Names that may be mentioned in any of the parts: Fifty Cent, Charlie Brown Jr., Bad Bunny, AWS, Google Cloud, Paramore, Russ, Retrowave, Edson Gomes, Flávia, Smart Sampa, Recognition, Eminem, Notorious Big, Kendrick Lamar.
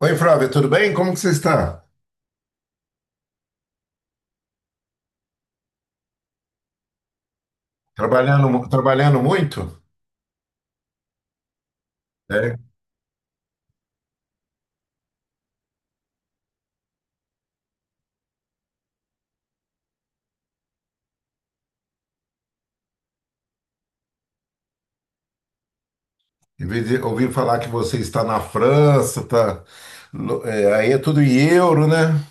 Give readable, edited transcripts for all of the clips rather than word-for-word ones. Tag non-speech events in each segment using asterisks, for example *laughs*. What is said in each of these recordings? Oi, Flávia, tudo bem? Como que você está? Trabalhando muito? É. Em vez de ouvir falar que você está na França, tá, aí é tudo em euro, né?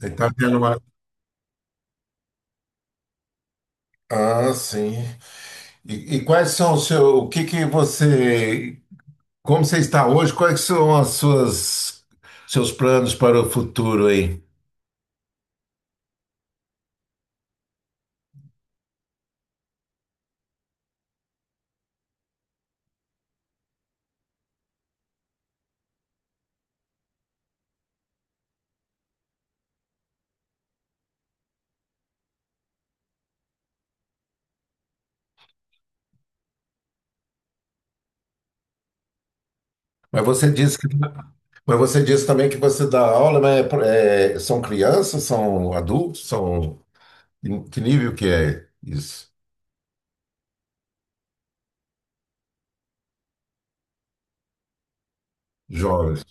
Está tá tendo uma... Ah, sim. E quais são os seus... O que que você... Como você está hoje? Quais são as suas seus planos para o futuro aí? Mas você disse que, mas você disse também que você dá aula, mas são crianças, são adultos, são que nível que é isso? Jovens.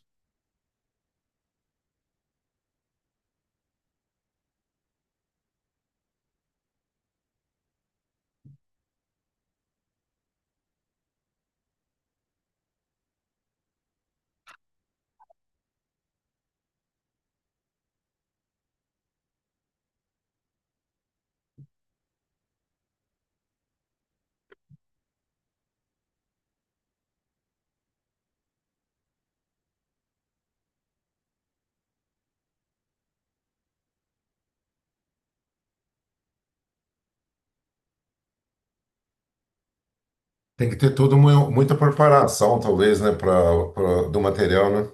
Tem que ter muita preparação, talvez, né, para do material, né?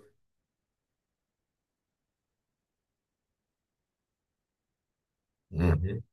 Uhum.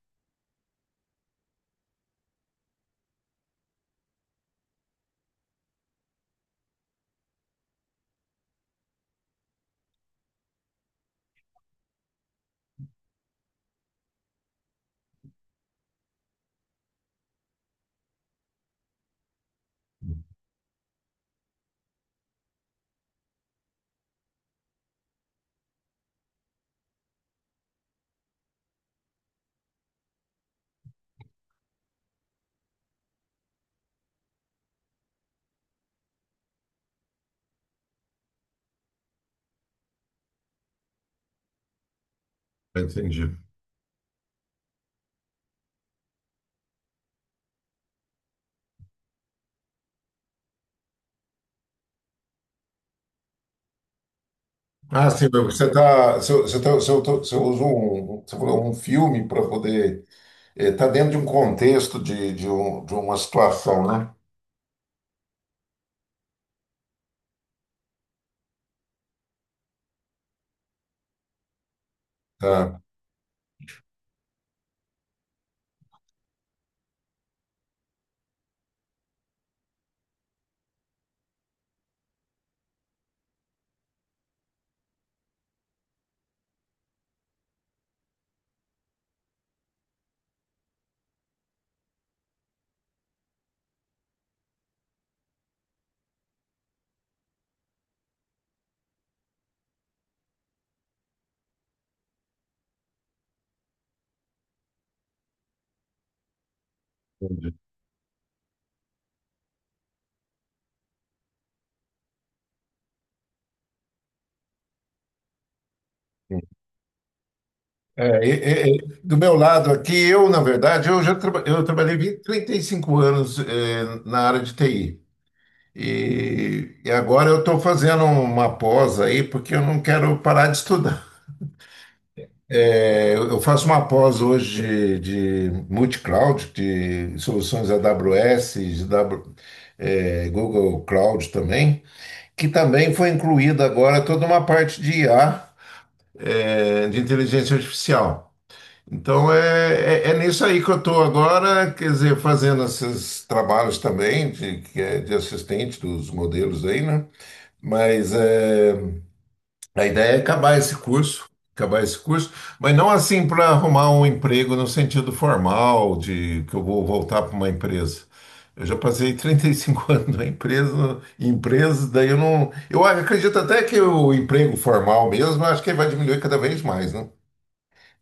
Entendi. Ah, sim, você tá, se eu, se eu, tô- se eu, tô- se eu uso um, você falou um filme para poder, tá dentro de um contexto de uma situação, né? Tá. Entendi. É, do meu lado aqui, eu, na verdade, eu trabalhei 20, 35 anos, na área de TI. E agora eu estou fazendo uma pós aí, porque eu não quero parar de estudar. É, eu faço uma pós hoje de multi-cloud, de soluções AWS, Google Cloud também, que também foi incluída agora toda uma parte de IA, é, de inteligência artificial. Então é nisso aí que eu estou agora, quer dizer, fazendo esses trabalhos também que é de assistente dos modelos aí, né? Mas é, A ideia é acabar esse curso, mas não assim para arrumar um emprego no sentido formal, de que eu vou voltar para uma empresa. Eu já passei 35 *laughs* anos na empresa, em empresa, daí eu não. Eu acredito até que o emprego formal mesmo, eu acho que ele vai diminuir cada vez mais, né?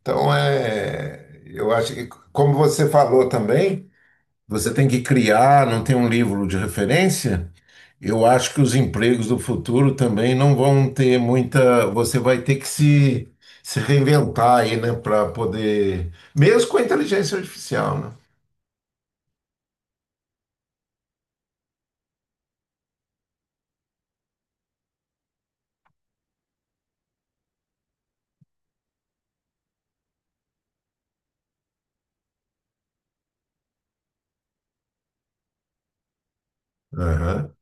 Então é. Eu acho que, como você falou também. Você tem que criar, não tem um livro de referência. Eu acho que os empregos do futuro também não vão ter muita. Você vai ter que se reinventar aí, né, para poder. Mesmo com a inteligência artificial, né? Aham.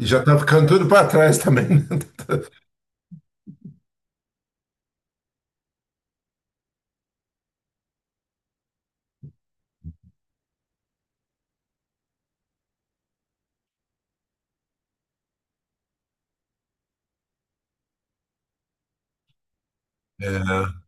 E já está ficando tudo para trás também, né? *laughs* É.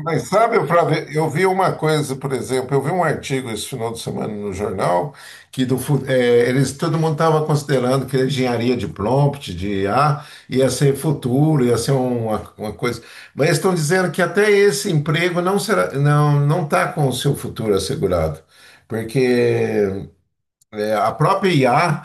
Mas sabe, Flávio, eu vi uma coisa, por exemplo, eu vi um artigo esse final de semana no jornal que do, fu- eh, eles todo mundo estava considerando que a engenharia de prompt, de I a ia ser futuro, ia ser uma coisa. Mas estão dizendo que até esse emprego não, não está com o seu futuro assegurado, porque a própria IA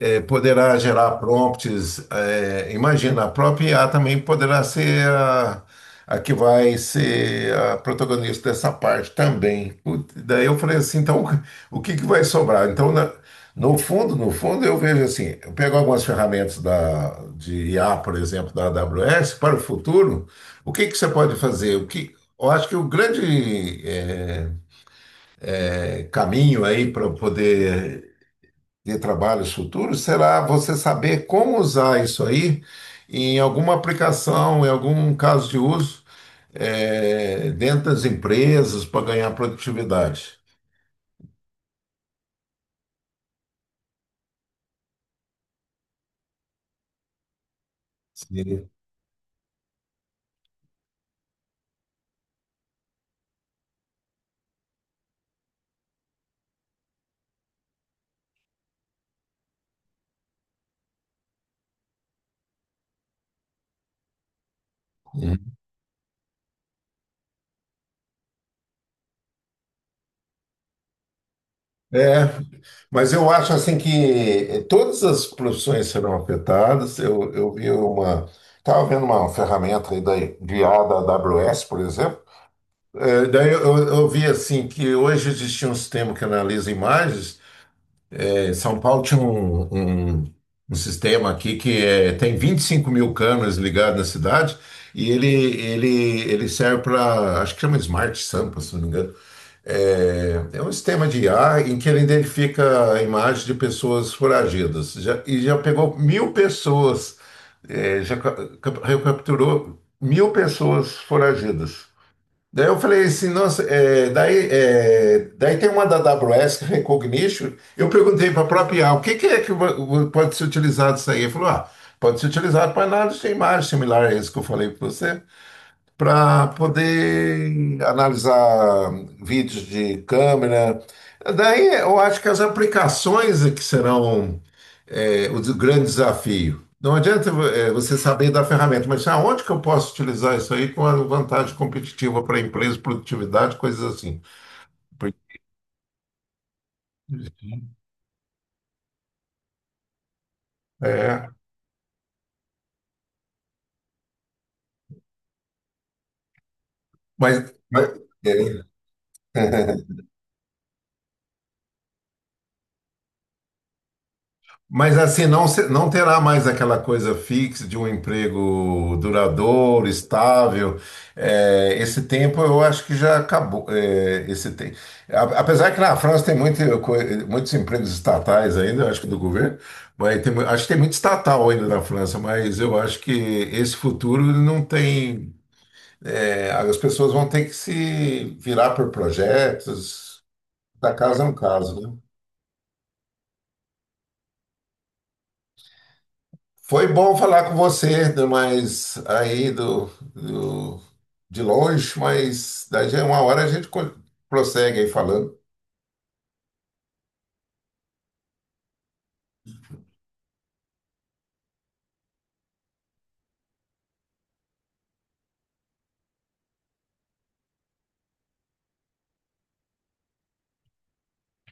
poderá gerar prompts. Imagina, a própria IA também poderá ser a que vai ser a protagonista dessa parte também. Daí eu falei assim, então *laughs* o que que vai sobrar? Então, no fundo, no fundo, eu vejo assim, eu pego algumas ferramentas de IA, por exemplo, da AWS, para o futuro, o que que você pode fazer? Eu acho que o grande caminho aí para poder de trabalhos futuros será você saber como usar isso aí em alguma aplicação, em algum caso de uso, dentro das empresas para ganhar produtividade. Sim. É, mas eu acho assim que todas as profissões serão afetadas. Eu vi uma, estava vendo uma ferramenta aí de IA da AWS, por exemplo. É, daí eu vi assim que hoje existia um sistema que analisa imagens. São Paulo tinha um- um sistema aqui que tem 25 mil câmeras ligadas na cidade e ele serve para, acho que chama Smart Sampa, se não me engano. É, é um sistema de IA em que ele identifica a imagem de pessoas foragidas. E já pegou 1.000 pessoas, já recapturou 1.000 pessoas foragidas. Daí eu falei assim, nossa, daí tem uma da AWS, que é Recognition. Eu perguntei para a própria IA, o que, que é que pode ser utilizado isso aí? Ele falou, ah, pode ser utilizado para análise de imagem, similar a esse que eu falei para você para poder analisar vídeos de câmera. Daí eu acho que as aplicações é que serão o grande desafio. Não adianta você saber da ferramenta, mas aonde que eu posso utilizar isso aí com a vantagem competitiva para a empresa, produtividade, coisas assim. Por- É, mas, mas- é. *laughs* Mas assim, não, não terá mais aquela coisa fixa de um emprego duradouro, estável. É, esse tempo eu acho que já acabou. Apesar que na França tem muito, muitos empregos estatais ainda, eu acho que do governo, mas tem acho que tem muito estatal ainda na França, mas eu acho que esse futuro não tem. As pessoas vão ter que se virar por projetos, da casa é um caso, né? Foi bom falar com você, mas aí do- de longe, mas daí já é uma hora a gente prossegue aí falando.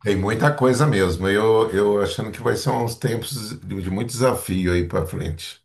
Tem muita coisa mesmo. Eu achando que vai ser uns tempos de muito desafio aí para frente.